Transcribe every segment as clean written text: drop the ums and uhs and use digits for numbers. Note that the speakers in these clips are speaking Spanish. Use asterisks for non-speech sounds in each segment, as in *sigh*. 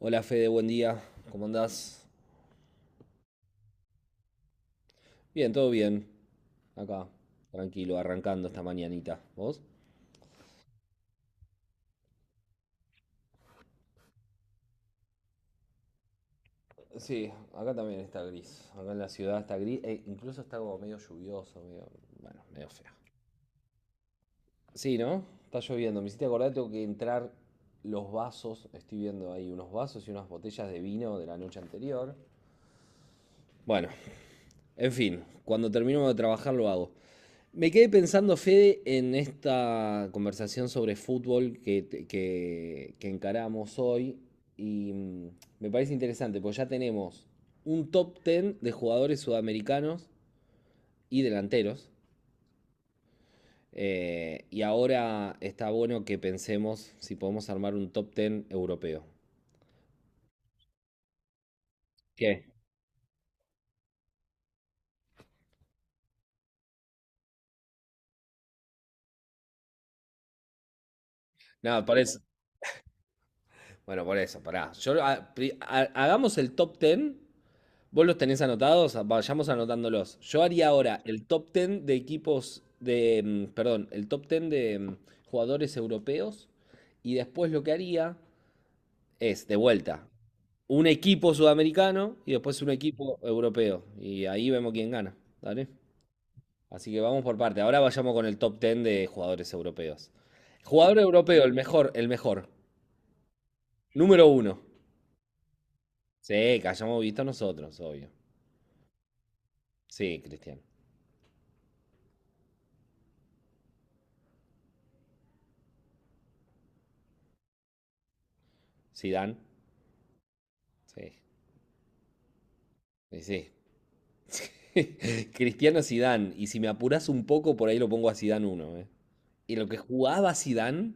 Hola Fede, buen día. ¿Cómo andás? Bien, todo bien. Acá, tranquilo, arrancando esta mañanita. ¿Vos? Sí, acá también está gris. Acá en la ciudad está gris e incluso está como medio lluvioso, medio, bueno, medio feo. Sí, ¿no? Está lloviendo. Me hiciste acordar, tengo que entrar los vasos. Estoy viendo ahí unos vasos y unas botellas de vino de la noche anterior. Bueno, en fin, cuando termino de trabajar lo hago. Me quedé pensando, Fede, en esta conversación sobre fútbol que encaramos hoy y me parece interesante, porque ya tenemos un top 10 de jugadores sudamericanos y delanteros. Y ahora está bueno que pensemos si podemos armar un top 10 europeo. ¿Qué? No, por eso. Bueno, por eso, pará. Yo, hagamos el top 10. ¿Vos los tenés anotados? Vayamos anotándolos. Yo haría ahora el top 10 de equipos de, perdón, el top 10 de jugadores europeos y después lo que haría es, de vuelta, un equipo sudamericano y después un equipo europeo y ahí vemos quién gana, vale. Así que vamos por parte. Ahora vayamos con el top 10 de jugadores europeos. Jugador europeo, el mejor, el mejor. Número uno. Sí, que hayamos visto nosotros, obvio. Sí, Cristiano. Zidane. Sí. Y sí. *laughs* Cristiano, Zidane. Y si me apuras un poco, por ahí lo pongo a Zidane uno, ¿eh? Y lo que jugaba Zidane.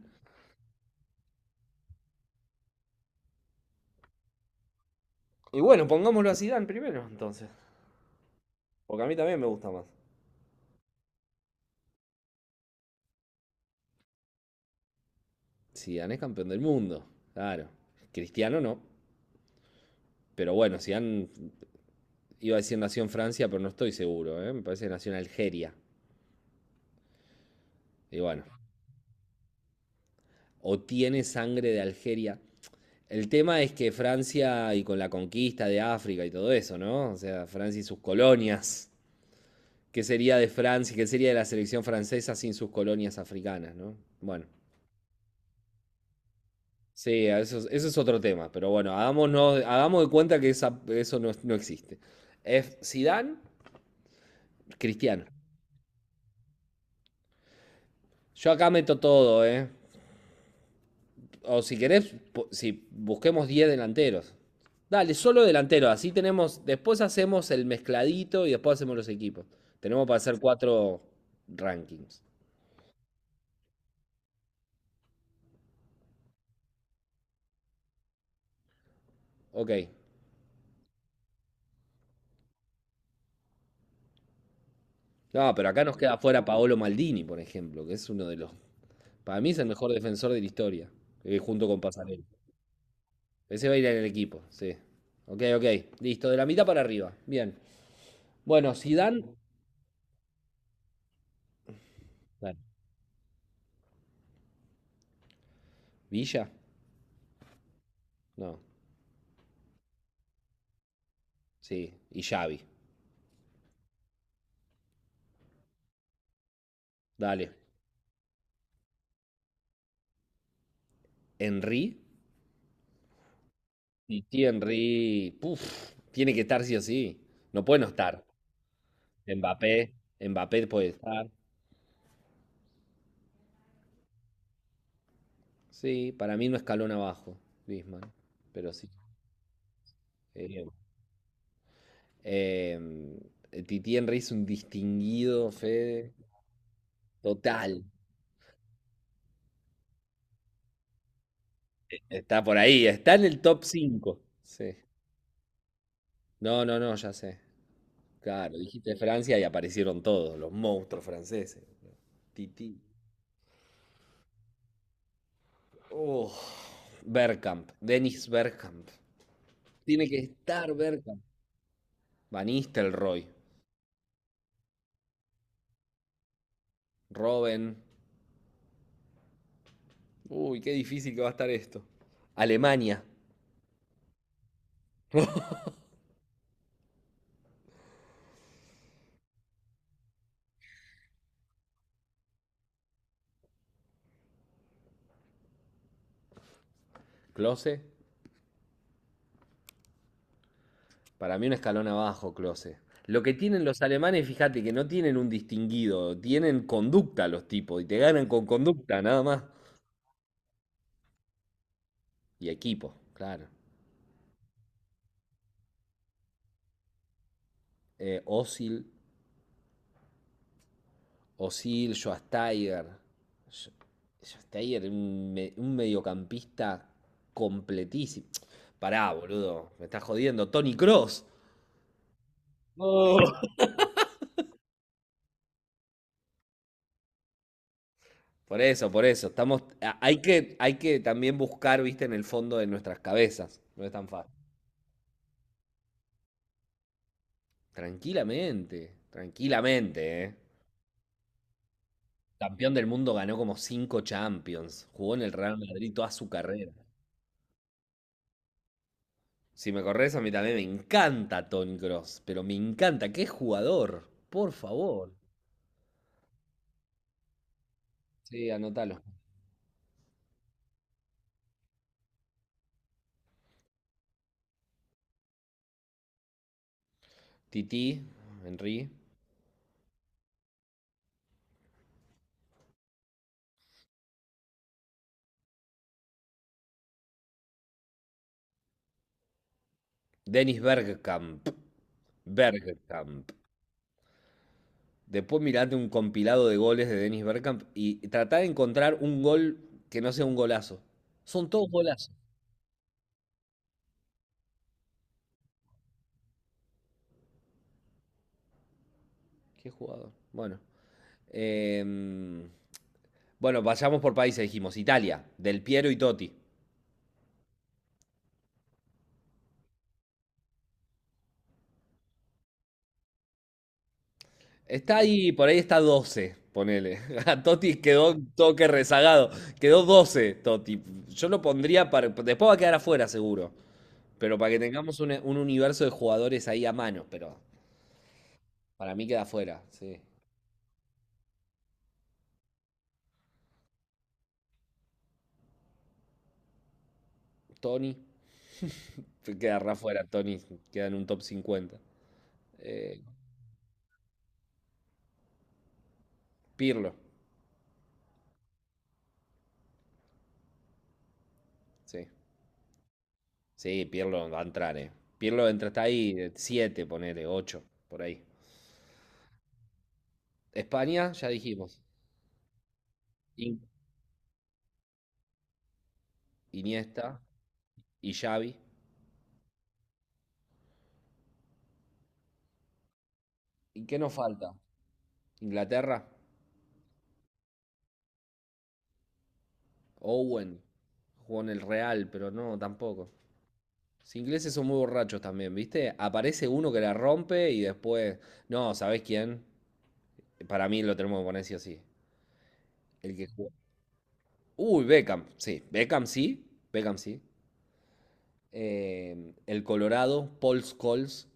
Y bueno, pongámoslo a Zidane primero, entonces. Porque a mí también me gusta más. Zidane es campeón del mundo. Claro. Cristiano no. Pero bueno, Zidane, iba a decir nació en Francia, pero no estoy seguro, ¿eh? Me parece que nació en Algeria. Y bueno, o tiene sangre de Algeria. El tema es que Francia y con la conquista de África y todo eso, ¿no? O sea, Francia y sus colonias. Qué sería de Francia, qué sería de la selección francesa sin sus colonias africanas, ¿no? Bueno, sí, eso, eso es otro tema, pero bueno, hagamos de cuenta que eso no, no existe. Es Zidane, Cristiano. Yo acá meto todo, ¿eh? O si querés, si busquemos 10 delanteros. Dale, solo delanteros, así tenemos, después hacemos el mezcladito y después hacemos los equipos. Tenemos para hacer cuatro rankings. Ok. No, pero acá nos queda fuera Paolo Maldini, por ejemplo, que es uno de los. Para mí es el mejor defensor de la historia, junto con Pasarela. Ese va a ir en el equipo, sí. Ok, ok. Listo, de la mitad para arriba. Bien. Bueno, Zidane. Dale. Villa. No. Sí. Y Xavi. Dale. Henry. Titi Henry. Puf. Tiene que estar sí o sí. No puede no estar. Mbappé. Mbappé puede estar. Sí, para mí no escalón abajo, Griezmann. Pero sí. eh, Titi Henry es un distinguido, Fede. Total. Está por ahí, está en el top 5. Sí. No, no, no, ya sé. Claro, dijiste Francia y aparecieron todos, los monstruos franceses. Titi. Oh, Bergkamp, Dennis Bergkamp. Tiene que estar Bergkamp. Van Nistelrooy. Robben. Uy, qué difícil que va a estar esto. Alemania, Klose. Para mí un escalón abajo, Klose. Lo que tienen los alemanes, fíjate que no tienen un distinguido, tienen conducta los tipos y te ganan con conducta, nada más. Y equipo, claro. Osil, Osil, Schwasteiger. Sch- un, un mediocampista completísimo. Pará, boludo, me estás jodiendo. Tony Cross. Por eso, por eso. Estamos, hay que también buscar, viste, en el fondo de nuestras cabezas. No es tan fácil. Tranquilamente, tranquilamente, ¿eh? Campeón del mundo, ganó como 5 Champions. Jugó en el Real Madrid toda su carrera. Si me corres, a mí también me encanta Tony Cross, pero me encanta. ¡Qué jugador! Por favor. Sí, anótalo. Titi, Henry. Dennis Bergkamp. Bergkamp. Después mirate un compilado de goles de Dennis Bergkamp y tratá de encontrar un gol que no sea un golazo. Son todos golazos. Qué jugador. Bueno. Em, bueno, vayamos por países, dijimos. Italia, Del Piero y Totti. Está ahí, por ahí está doce, ponele. *laughs* A Totti quedó un toque rezagado. Quedó 12 Totti. Yo lo pondría para. Después va a quedar afuera, seguro. Pero para que tengamos un universo de jugadores ahí a mano. Pero para mí queda afuera, sí. Tony. Quedará afuera, Tony. Queda en un top cincuenta. Eh, Pirlo, sí. Sí, Pirlo va a entrar, eh. Pirlo entra, está ahí, 7 ponele, 8 por ahí. España, ya dijimos. In- Iniesta y Xavi. ¿Y qué nos falta? ¿Inglaterra? Owen. Jugó en el Real, pero no, tampoco. Los ingleses son muy borrachos también, ¿viste? Aparece uno que la rompe y después. No, ¿sabés quién? Para mí lo tenemos que poner sí o sí. El que jugó. Uy, Beckham, sí. Beckham sí. Beckham sí. El Colorado, Paul Scholes.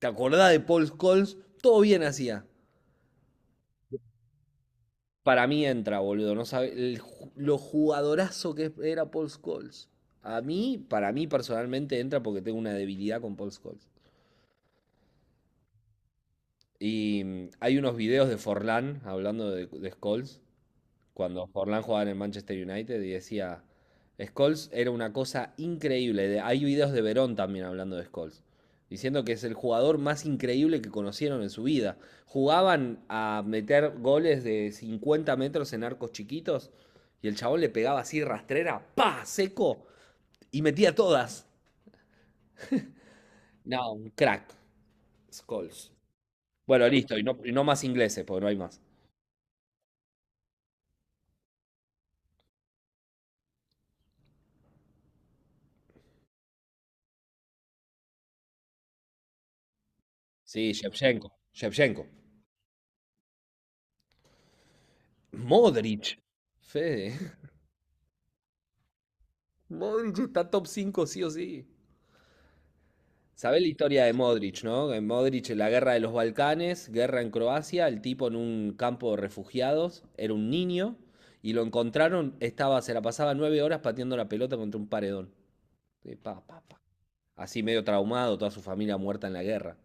¿Te acordás de Paul Scholes? Todo bien hacía. Para mí entra, boludo. No sabe el lo jugadorazo que era Paul Scholes. A mí, para mí personalmente entra porque tengo una debilidad con Paul Scholes. Y hay unos videos de Forlán hablando de Scholes cuando Forlán jugaba en el Manchester United y decía, Scholes era una cosa increíble. Hay videos de Verón también hablando de Scholes, diciendo que es el jugador más increíble que conocieron en su vida. Jugaban a meter goles de 50 metros en arcos chiquitos y el chabón le pegaba así rastrera, pa, seco, y metía todas. No, un crack, Scholes. Bueno, listo, y no más ingleses, porque no hay más. Sí, Shevchenko, Shevchenko. Modric. Fede. Modric está top 5 sí o sí. ¿Sabés la historia de Modric, no? En Modric, en la guerra de los Balcanes, guerra en Croacia, el tipo en un campo de refugiados, era un niño, y lo encontraron, estaba, se la pasaba 9 horas pateando la pelota contra un paredón. Pa, pa, pa. Así medio traumado, toda su familia muerta en la guerra.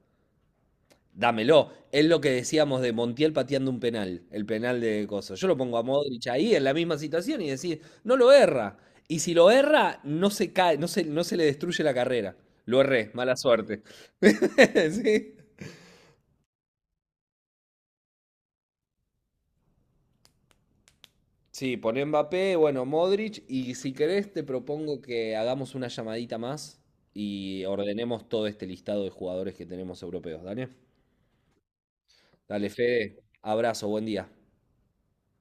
Dámelo. Es lo que decíamos de Montiel pateando un penal, el penal de Coso. Yo lo pongo a Modric ahí en la misma situación y decir, no lo erra. Y si lo erra, no se cae, no se, no se le destruye la carrera. Lo erré, mala suerte. *laughs* Sí. Sí, poné Mbappé, bueno, Modric, y si querés te propongo que hagamos una llamadita más y ordenemos todo este listado de jugadores que tenemos europeos. Dale, dale, Fede, abrazo, buen día.